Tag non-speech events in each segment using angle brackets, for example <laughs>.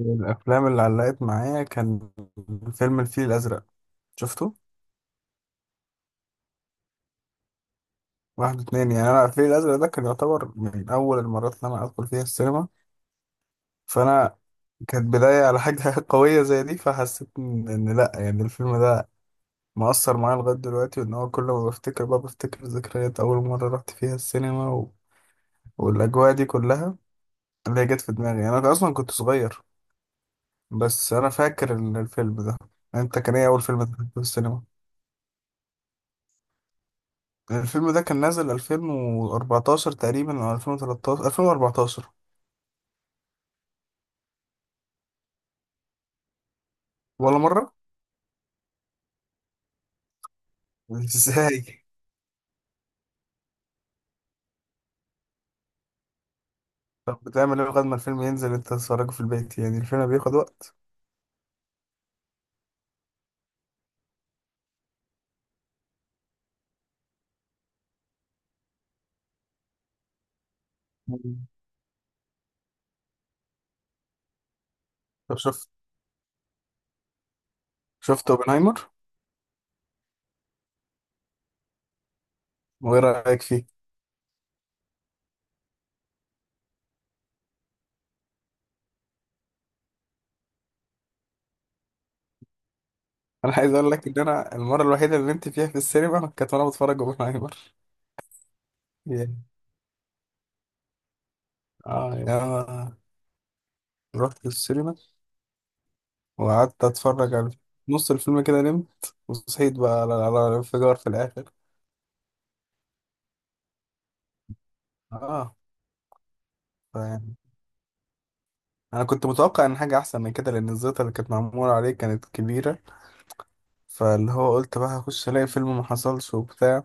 الأفلام اللي علقت معايا كان فيلم الفيل الأزرق. شفته؟ واحد واتنين، يعني أنا الفيل الأزرق ده كان يعتبر من أول المرات اللي أنا أدخل فيها السينما. فأنا كانت بداية على حاجة <laughs> قوية زي دي، فحسيت إن لأ، يعني الفيلم ده مؤثر معايا لغاية دلوقتي، وإن هو كل ما بفتكر بقى بفتكر ذكريات أول مرة رحت فيها السينما والأجواء دي كلها اللي هي جت في دماغي. يعني أنا أصلا كنت صغير، بس أنا فاكر الفيلم ده. أنت كان إيه أول فيلم دخلته في السينما؟ الفيلم ده كان نازل 2014 تقريبا، او 2013 2014. ولا مرة؟ <laughs> ازاي؟ طب بتعمل ايه لغاية ما الفيلم ينزل انت تتفرجه في البيت؟ يعني الفيلم بياخد وقت. مم. طب شفت، شفت اوبنهايمر؟ وايه رأيك فيه؟ انا عايز اقول لك ان انا المرة الوحيدة اللي نمت فيها في السينما كانت وانا بتفرج اوبنهايمر. يعني اه، يعني انا رحت السينما وقعدت اتفرج على نص الفيلم، كده نمت وصحيت بقى على الانفجار في الاخر. اه، انا كنت متوقع ان حاجه احسن من كده، لان الزيطه اللي كانت معموله عليه كانت كبيره، فاللي هو قلت بقى هخش الاقي فيلم، ما حصلش وبتاع.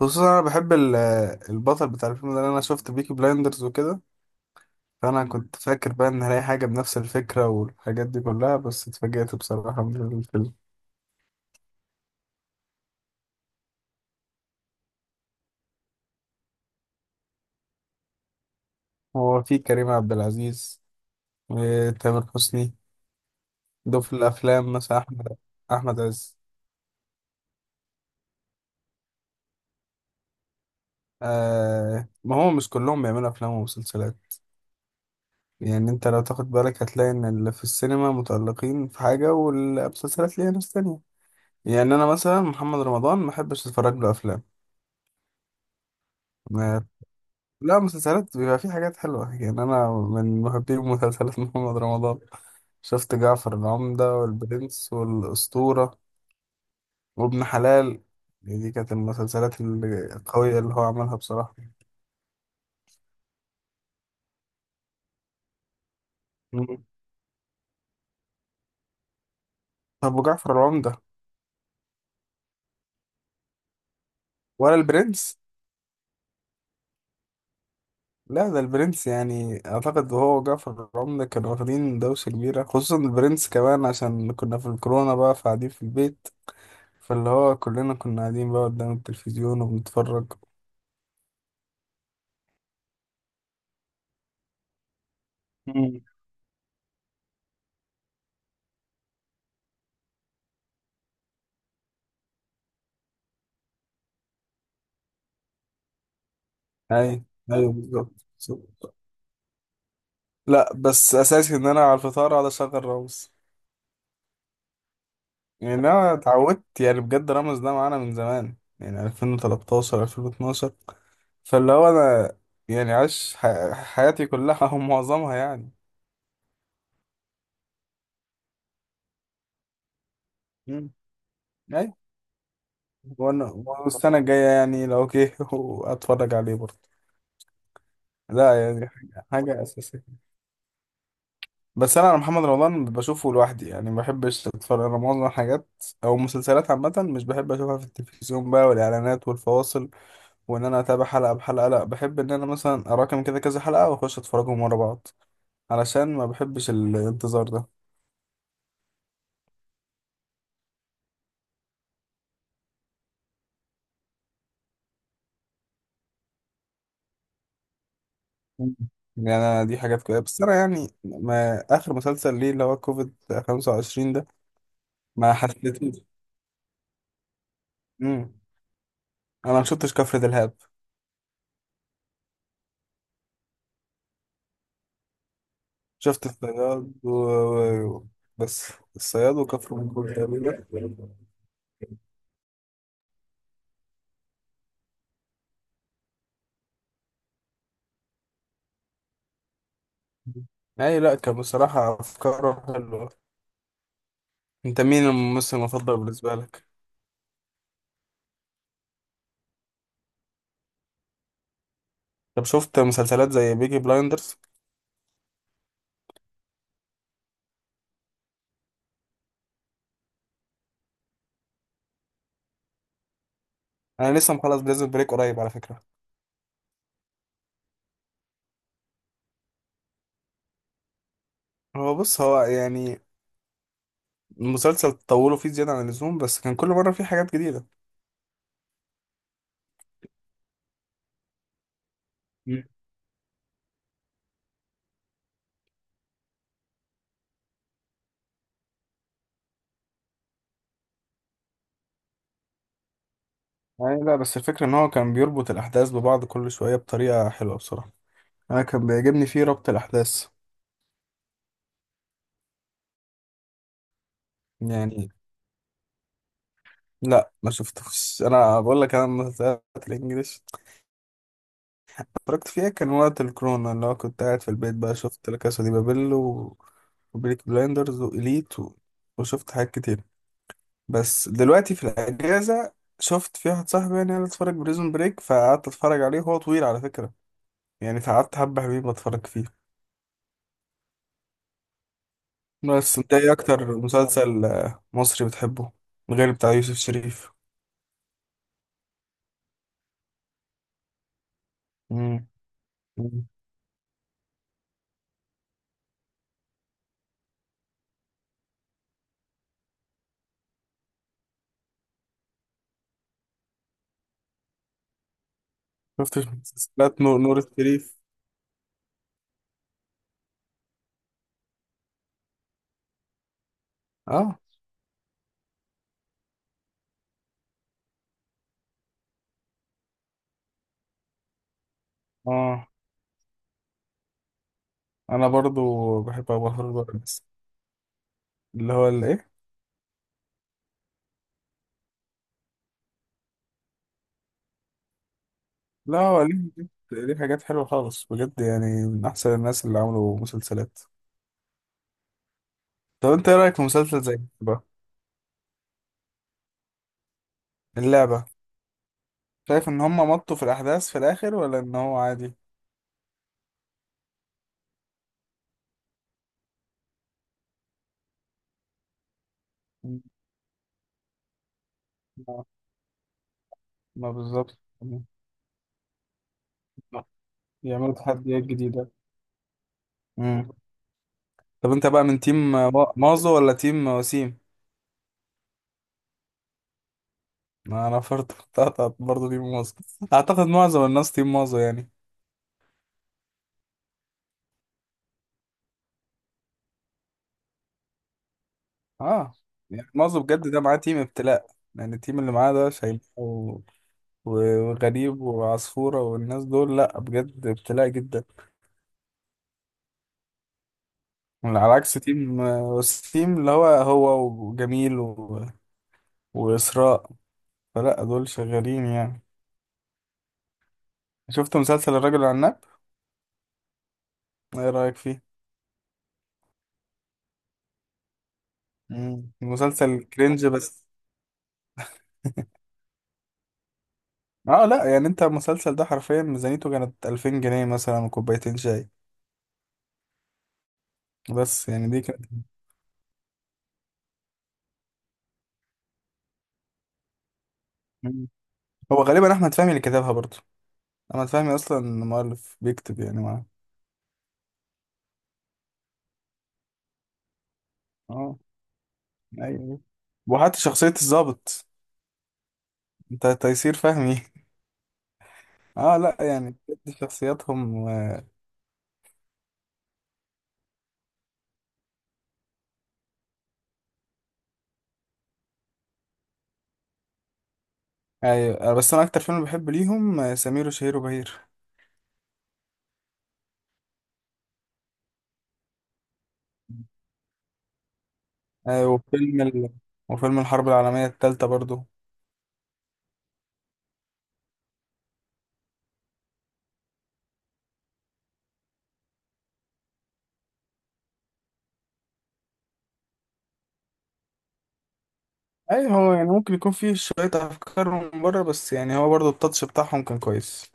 خصوصا انا بحب البطل بتاع الفيلم ده، لأن انا شفت بيكي بلايندرز وكده. فانا كنت فاكر بقى ان هلاقي حاجه بنفس الفكره والحاجات دي كلها، بس اتفاجئت بصراحه من الفيلم. هو فيه كريم عبد العزيز وتامر حسني. دول في الافلام، مثلا احمد، احمد عز. آه ما هو مش كلهم بيعملوا افلام ومسلسلات، يعني انت لو تاخد بالك هتلاقي ان اللي في السينما متألقين في حاجة والمسلسلات ليها ناس تانية. يعني انا مثلا محمد رمضان ما بحبش اتفرج له افلام. ما- لا مسلسلات بيبقى فيه حاجات حلوة، يعني انا من محبي مسلسلات <laughs> محمد رمضان. شفت جعفر العمدة والبرنس والأسطورة وابن حلال. دي كانت المسلسلات القوية اللي هو عملها بصراحة. مم. طب وجعفر العمدة؟ ولا البرنس؟ لا ده البرنس، يعني اعتقد هو وجعفر العمدة كانوا واخدين دوشة كبيرة، خصوصا البرنس كمان عشان كنا في الكورونا بقى، فقاعدين في البيت، فاللي هو كلنا كنا قاعدين بقى قدام التلفزيون وبنتفرج. مم. اي، ايوه بالظبط. بالظبط. لا بس اساسي ان انا على الفطار اقعد اشغل رامز. يعني انا اتعودت، يعني بجد رامز ده معانا من زمان، يعني 2013 2012. فاللي هو انا يعني عايش حياتي كلها <laughs> او معظمها يعني. مم. ايوه. وانا السنة الجاية يعني لو اوكي <laughs> واتفرج عليه برضه. لا يعني حاجة، حاجة أساسية. بس أنا على محمد رمضان بشوفه لوحدي، يعني ما بحبش أتفرج أنا معظم الحاجات أو المسلسلات عامة، مش بحب أشوفها في التلفزيون بقى والإعلانات والفواصل وإن أنا أتابع حلقة بحلقة. لا، بحب إن أنا مثلا أراكم كده كذا حلقة وأخش أتفرجهم ورا بعض، علشان ما بحبش الانتظار ده. مم. يعني أنا دي حاجات كده، بس أنا يعني ما آخر مسلسل ليه اللي هو كوفيد 25 ده، ما حسيتوش. انا ما شفتش كفر دلهاب. شفت الصياد و- بس الصياد وكفر منقول تقريبا. اي لا، كان بصراحة افكاره حلوة. انت مين الممثل المفضل بالنسبة لك؟ طب شفت مسلسلات زي بيكي بلايندرز؟ انا لسه مخلص بريزون بريك قريب على فكرة. هو بص، هو يعني المسلسل طولوا فيه زيادة عن اللزوم، بس كان كل مرة فيه حاجات جديدة. مم. يعني لا، بس الفكرة ان هو كان بيربط الاحداث ببعض كل شوية بطريقة حلوة بصراحة، انا كان بيعجبني فيه ربط الاحداث. يعني لا ما شفتوش، انا بقول لك انا المسلسلات الانجليش اتفرجت فيها كان وقت الكورونا، اللي هو كنت قاعد في البيت بقى. شفت لا كاسا دي بابيل وبيليك بلايندرز وإليت وشفت حاجات كتير. بس دلوقتي في الاجازه شفت في واحد صاحبي يعني اللي اتفرج بريزون بريك، فقعدت اتفرج عليه. هو طويل على فكره يعني، فقعدت حبه حلوين بتفرج فيه. بس انت ايه اكتر مسلسل آه، مصري بتحبه، غير بتاع يوسف شريف؟ امم. شفتش مسلسلات نور، الشريف؟ اه. اه انا برضو بحب ابو الهول بقى بس. اللي هو الايه. لا هو ليه، ليه حاجات حلوه خالص بجد، يعني من احسن الناس اللي عملوا مسلسلات. طب انت ايه رايك في مسلسل زي اللعبه؟ اللعبه. شايف ان هم مطوا في الاحداث في الاخر ولا ان هو عادي؟ <laughs> مم. ما ما بالظبط. يعملوا تحديات جديده. مم. طب انت بقى من تيم مازو ولا تيم وسيم؟ ما انا برضه <laughs> برضه تيم مازو. اعتقد معظم الناس تيم مازو يعني. اه يعني معظم، بجد ده معاه تيم ابتلاء. يعني التيم اللي معاه ده شايب وغريب وعصفورة والناس دول، لا بجد ابتلاء جدا. على عكس تيم والتيم اللي هو هو وجميل وإسراء، فلا دول شغالين يعني. شفت مسلسل الراجل العناب؟ ايه رأيك فيه؟ مم. مسلسل كرنج بس. اه لا يعني انت المسلسل ده حرفيا ميزانيته كانت 2000 جنيه مثلا وكوبايتين شاي. بس يعني دي كانت. مم. هو غالبا احمد فهمي اللي كتبها برضه، انا فاهمي اصلا إن المؤلف بيكتب يعني معاه. اه، ايوه. وحتى شخصية الضابط، انت تيسير فهمي. <laughs> اه لا يعني بجد شخصياتهم آه، ايوه. آه، بس انا اكتر فيلم بحب ليهم آه، سمير وشهير وبهير. آه، وفيلم الحرب العالمية التالتة برضو. ايوه هو يعني ممكن يكون فيه شوية افكار من بره، بس يعني هو برضو التاتش بتاعهم كان كويس.